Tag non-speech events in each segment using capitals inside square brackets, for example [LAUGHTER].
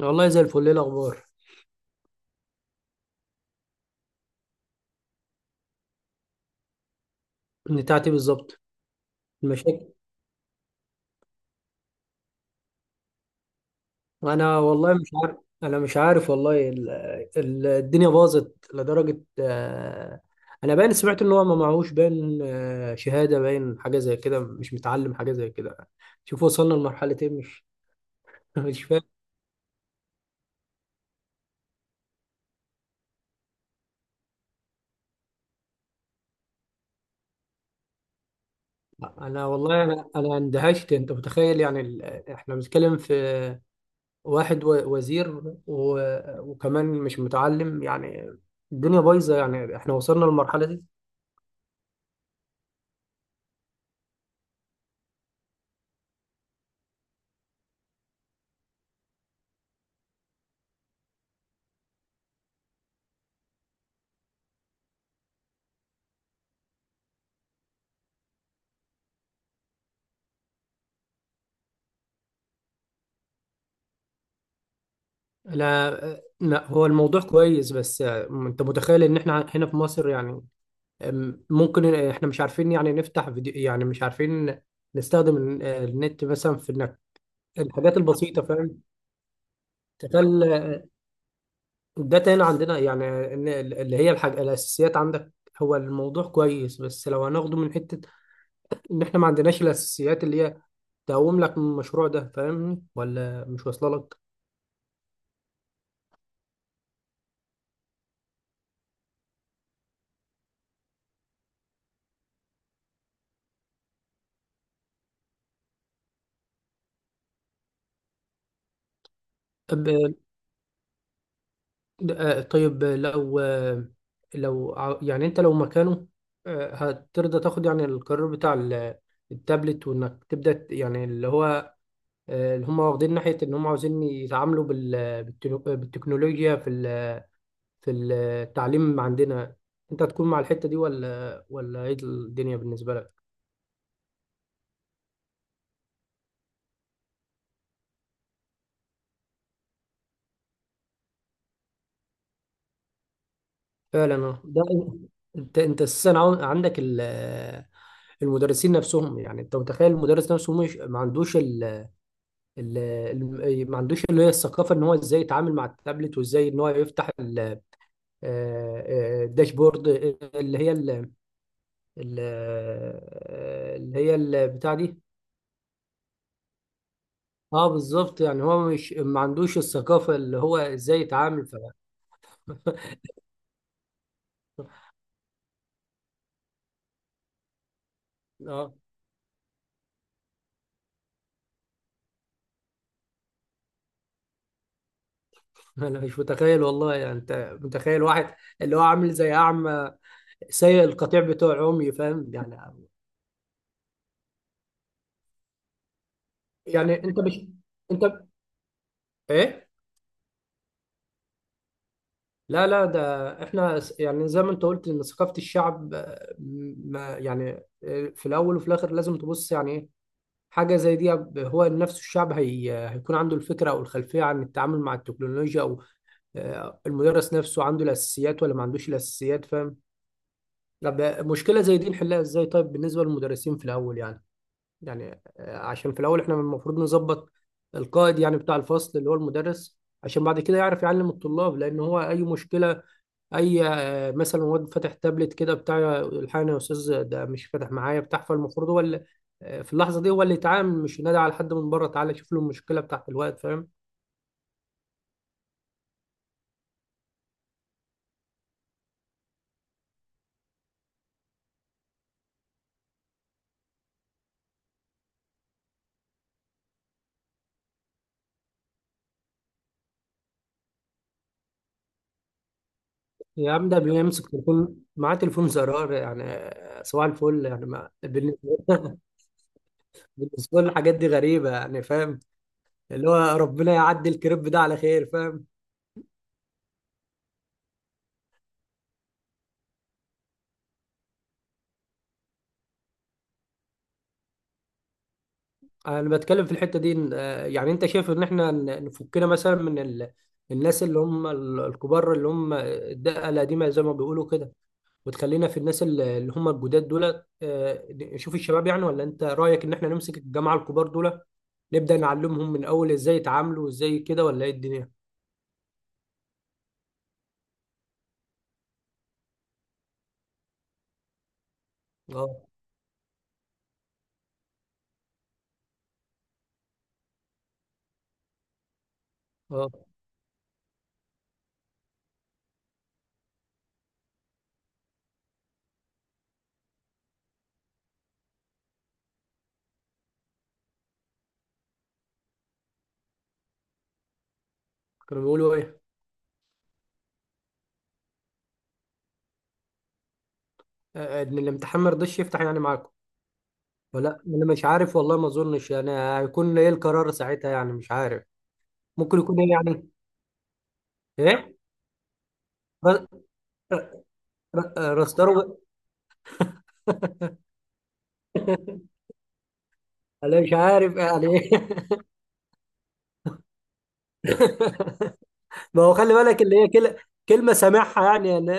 والله زي الفل، ايه الاخبار؟ بتاعتي بالظبط. المشاكل. انا والله مش عارف. انا مش عارف والله. الدنيا باظت لدرجه، انا باين سمعت ان هو ما معهوش، باين شهاده، باين حاجه زي كده، مش متعلم حاجه زي كده. شوف وصلنا لمرحله ايه، مش [LAUGHS] مش فاهم. انا والله انا اندهشت. انت متخيل يعني احنا بنتكلم في واحد وزير و... وكمان مش متعلم، يعني الدنيا بايظه. يعني احنا وصلنا للمرحله دي. لا لا، هو الموضوع كويس، بس انت متخيل ان احنا هنا في مصر يعني؟ ممكن احنا مش عارفين يعني نفتح فيديو، يعني مش عارفين نستخدم النت مثلا في انك الحاجات البسيطة، فاهم؟ تخيل الداتا هنا عندنا، يعني ان اللي هي الحاجة الاساسيات عندك. هو الموضوع كويس، بس لو هناخده من حتة ان احنا ما عندناش الاساسيات اللي هي تقوم لك من المشروع ده. فاهمني ولا مش واصله لك؟ طيب، لو لو يعني انت لو مكانه، هترضى تاخد يعني القرار بتاع التابلت، وانك تبدأ يعني اللي هو اللي هم واخدين ناحية ان هم عاوزين يتعاملوا بالتكنولوجيا في في التعليم عندنا؟ انت هتكون مع الحتة دي ولا ايه الدنيا بالنسبة لك؟ فعلا، اه، ده انت اساسا عندك المدرسين نفسهم. يعني انت متخيل المدرس نفسه مش ما عندوش ال- ما عندوش اللي هي الثقافه ان هو ازاي يتعامل مع التابلت، وازاي ان هو يفتح آه، الداشبورد اللي هي اللي هي البتاع دي. اه، بالظبط. يعني هو مش ما عندوش الثقافه اللي هو ازاي يتعامل [LAUGHS] اه، انا مش متخيل والله. يعني انت متخيل واحد اللي هو عامل زي اعمى سايق القطيع بتوع عمي، فاهم يعني؟ يعني انت مش انت، ايه؟ لا لا، ده احنا يعني زي ما انت قلت ان ثقافة الشعب، ما يعني، في الاول وفي الاخر لازم تبص يعني ايه حاجة زي دي. هو نفسه الشعب، هي هيكون عنده الفكرة او الخلفية عن التعامل مع التكنولوجيا، او المدرس نفسه عنده الاساسيات ولا ما عندوش الاساسيات، فاهم؟ طب مشكلة زي دي نحلها ازاي؟ طيب بالنسبة للمدرسين في الاول يعني، يعني عشان في الاول احنا المفروض نظبط القائد، يعني بتاع الفصل اللي هو المدرس، عشان بعد كده يعرف يعلم الطلاب. لان هو اي مشكله، اي مثلا واد فاتح تابلت كده بتاع، الحقني يا استاذ ده مش فاتح معايا بتاع، فالمفروض هو اللي في اللحظه دي هو اللي يتعامل، مش ينادي على حد من بره تعالى شوف له المشكله بتاعت الواد، فاهم؟ يا عم، ده بيمسك تليفون، معاه تليفون زرار، يعني صباح الفل. يعني ما بالنسبه، بالنسبة لي الحاجات دي غريبه يعني، فاهم؟ اللي هو ربنا يعدي الكريب ده على خير، فاهم؟ انا بتكلم في الحته دي يعني انت شايف ان احنا نفكنا مثلا من الناس اللي هم الكبار اللي هم الدقه القديمه، زي ما بيقولوا كده، وتخلينا في الناس اللي هم الجداد دول، نشوف الشباب يعني. ولا انت رايك ان احنا نمسك الجماعه الكبار دول، نبدا نعلمهم من اول ازاي يتعاملوا وازاي كده، ولا ايه الدنيا؟ اه اه. كانوا بيقولوا ايه؟ ان الامتحان ما رضاش يفتح، يعني معاكم؟ ولا انا مش عارف والله، ما اظنش. يعني هيكون ايه القرار ساعتها، يعني مش عارف ممكن يكون ايه يعني. ايه؟ رسترو؟ [LAUGHS] انا مش عارف يعني ايه. [LAUGHS] ما هو خلي بالك اللي هي كلمه سامعها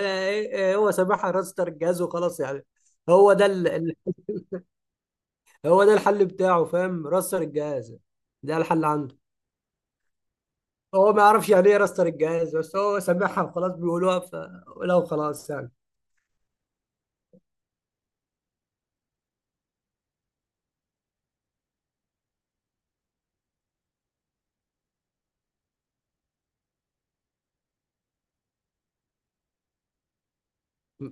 إيه، هو سامعها راستر الجهاز وخلاص يعني. هو ده هو ده الحل بتاعه، فاهم؟ راستر الجهاز، ده الحل عنده. هو ما يعرفش يعني ايه راستر الجهاز، بس هو سامعها وخلاص، بيقولوها فلو خلاص يعني.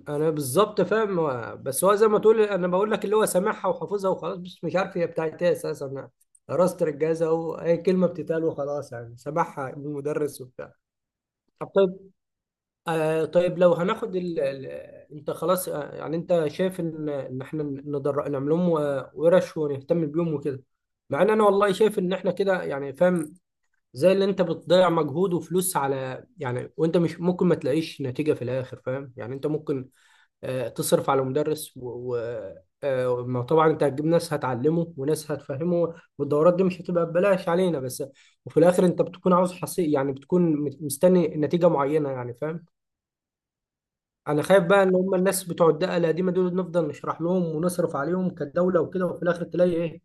انا بالظبط فاهم. بس هو زي ما تقول، انا بقول لك اللي هو سامعها وحافظها وخلاص، بس مش عارف هي بتاعت ايه اساسا. انا درست الجهاز اهو، اي كلمه بتتقال وخلاص، يعني سامعها من المدرس وبتاع. طب طيب، طيب لو هناخد انت خلاص، يعني انت شايف ان احنا نعمل لهم ورش، ونهتم بيهم وكده. مع ان انا والله شايف ان احنا كده يعني، فاهم؟ زي اللي انت بتضيع مجهود وفلوس على يعني، وانت مش ممكن ما تلاقيش نتيجه في الاخر، فاهم؟ يعني انت ممكن تصرف على مدرس و... ما طبعا انت هتجيب ناس هتعلمه وناس هتفهمه، والدورات دي مش هتبقى ببلاش علينا. بس وفي الاخر انت بتكون عاوز حصي، يعني بتكون مستني نتيجة معينة، يعني فاهم؟ انا خايف بقى ان هم الناس بتوع الدقة القديمة دول نفضل نشرح لهم ونصرف عليهم كدولة وكده، وفي الاخر تلاقي ايه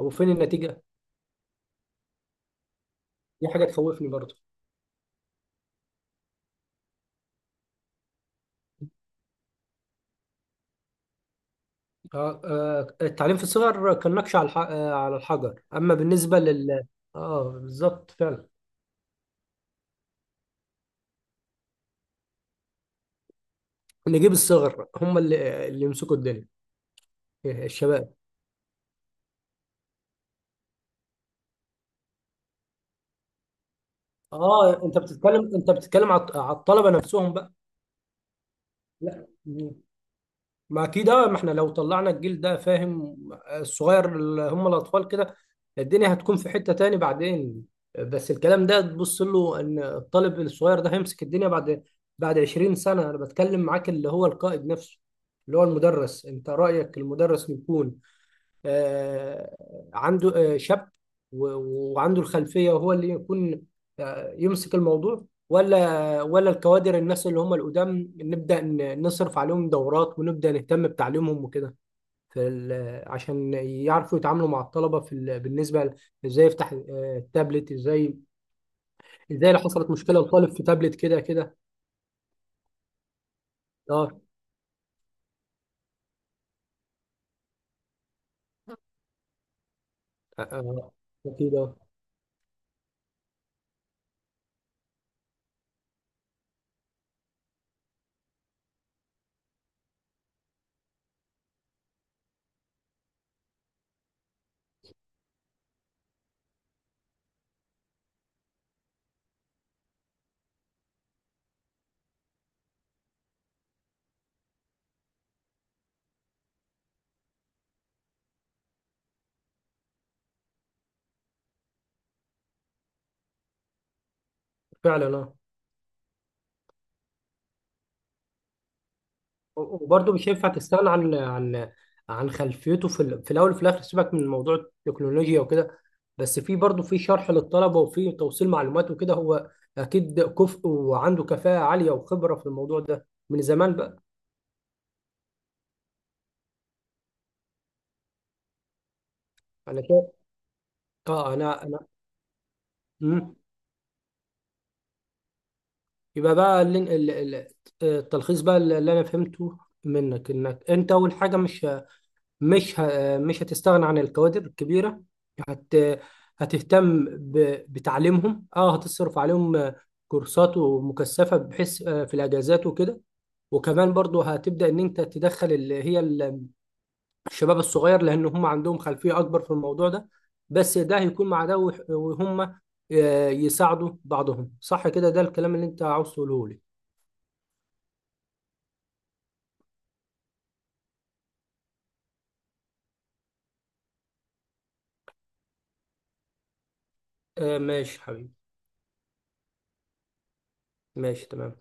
او فين النتيجة؟ دي حاجة تخوفني برضه. التعليم في الصغر كان نقش على على الحجر، اما بالنسبة لل، اه بالظبط فعلا. نجيب الصغر هم اللي يمسكوا الدنيا، الشباب. اه انت بتتكلم، على الطلبه نفسهم بقى؟ لا، ما اكيد، ما احنا لو طلعنا الجيل ده، فاهم؟ الصغير اللي هم الاطفال كده، الدنيا هتكون في حته تاني بعدين. بس الكلام ده تبص له ان الطالب الصغير ده هيمسك الدنيا بعد 20 سنه. انا بتكلم معاك اللي هو القائد نفسه، اللي هو المدرس. انت رايك المدرس يكون عنده، شاب، و- وعنده الخلفية، وهو اللي يكون يمسك الموضوع، ولا الكوادر الناس اللي هم القدام نبدأ نصرف عليهم دورات ونبدأ نهتم بتعليمهم وكده في عشان يعرفوا يتعاملوا مع الطلبة في بالنسبة ازاي يفتح التابلت، ازاي ازاي لو حصلت مشكلة لطالب في تابلت كده كده؟ اه. آه، آه، اكيد، اه. فعلا اه. وبرضه مش هينفع تستغنى عن خلفيته في في الاول وفي الاخر. سيبك من موضوع التكنولوجيا وكده، بس في برضه في شرح للطلبه، وفي توصيل معلومات وكده. هو اكيد كفء، وعنده كفاءه عاليه وخبره في الموضوع ده من زمان بقى. انا شايف. اه، انا مم. يبقى بقى التلخيص بقى اللي انا فهمته منك، انك انت اول حاجه مش، مش هتستغنى عن الكوادر الكبيرة، هت... هتهتم بتعليمهم، اه، هتصرف عليهم كورسات ومكثفة، بحيث في الأجازات وكده. وكمان برضو هتبدأ إن أنت تدخل اللي هي الشباب الصغير، لأن هم عندهم خلفية أكبر في الموضوع ده. بس ده هيكون مع ده، وهم يساعدوا بعضهم، صح كده؟ ده الكلام اللي أنت عاوز تقوله لي. ماشي حبيبي. ماشي تمام.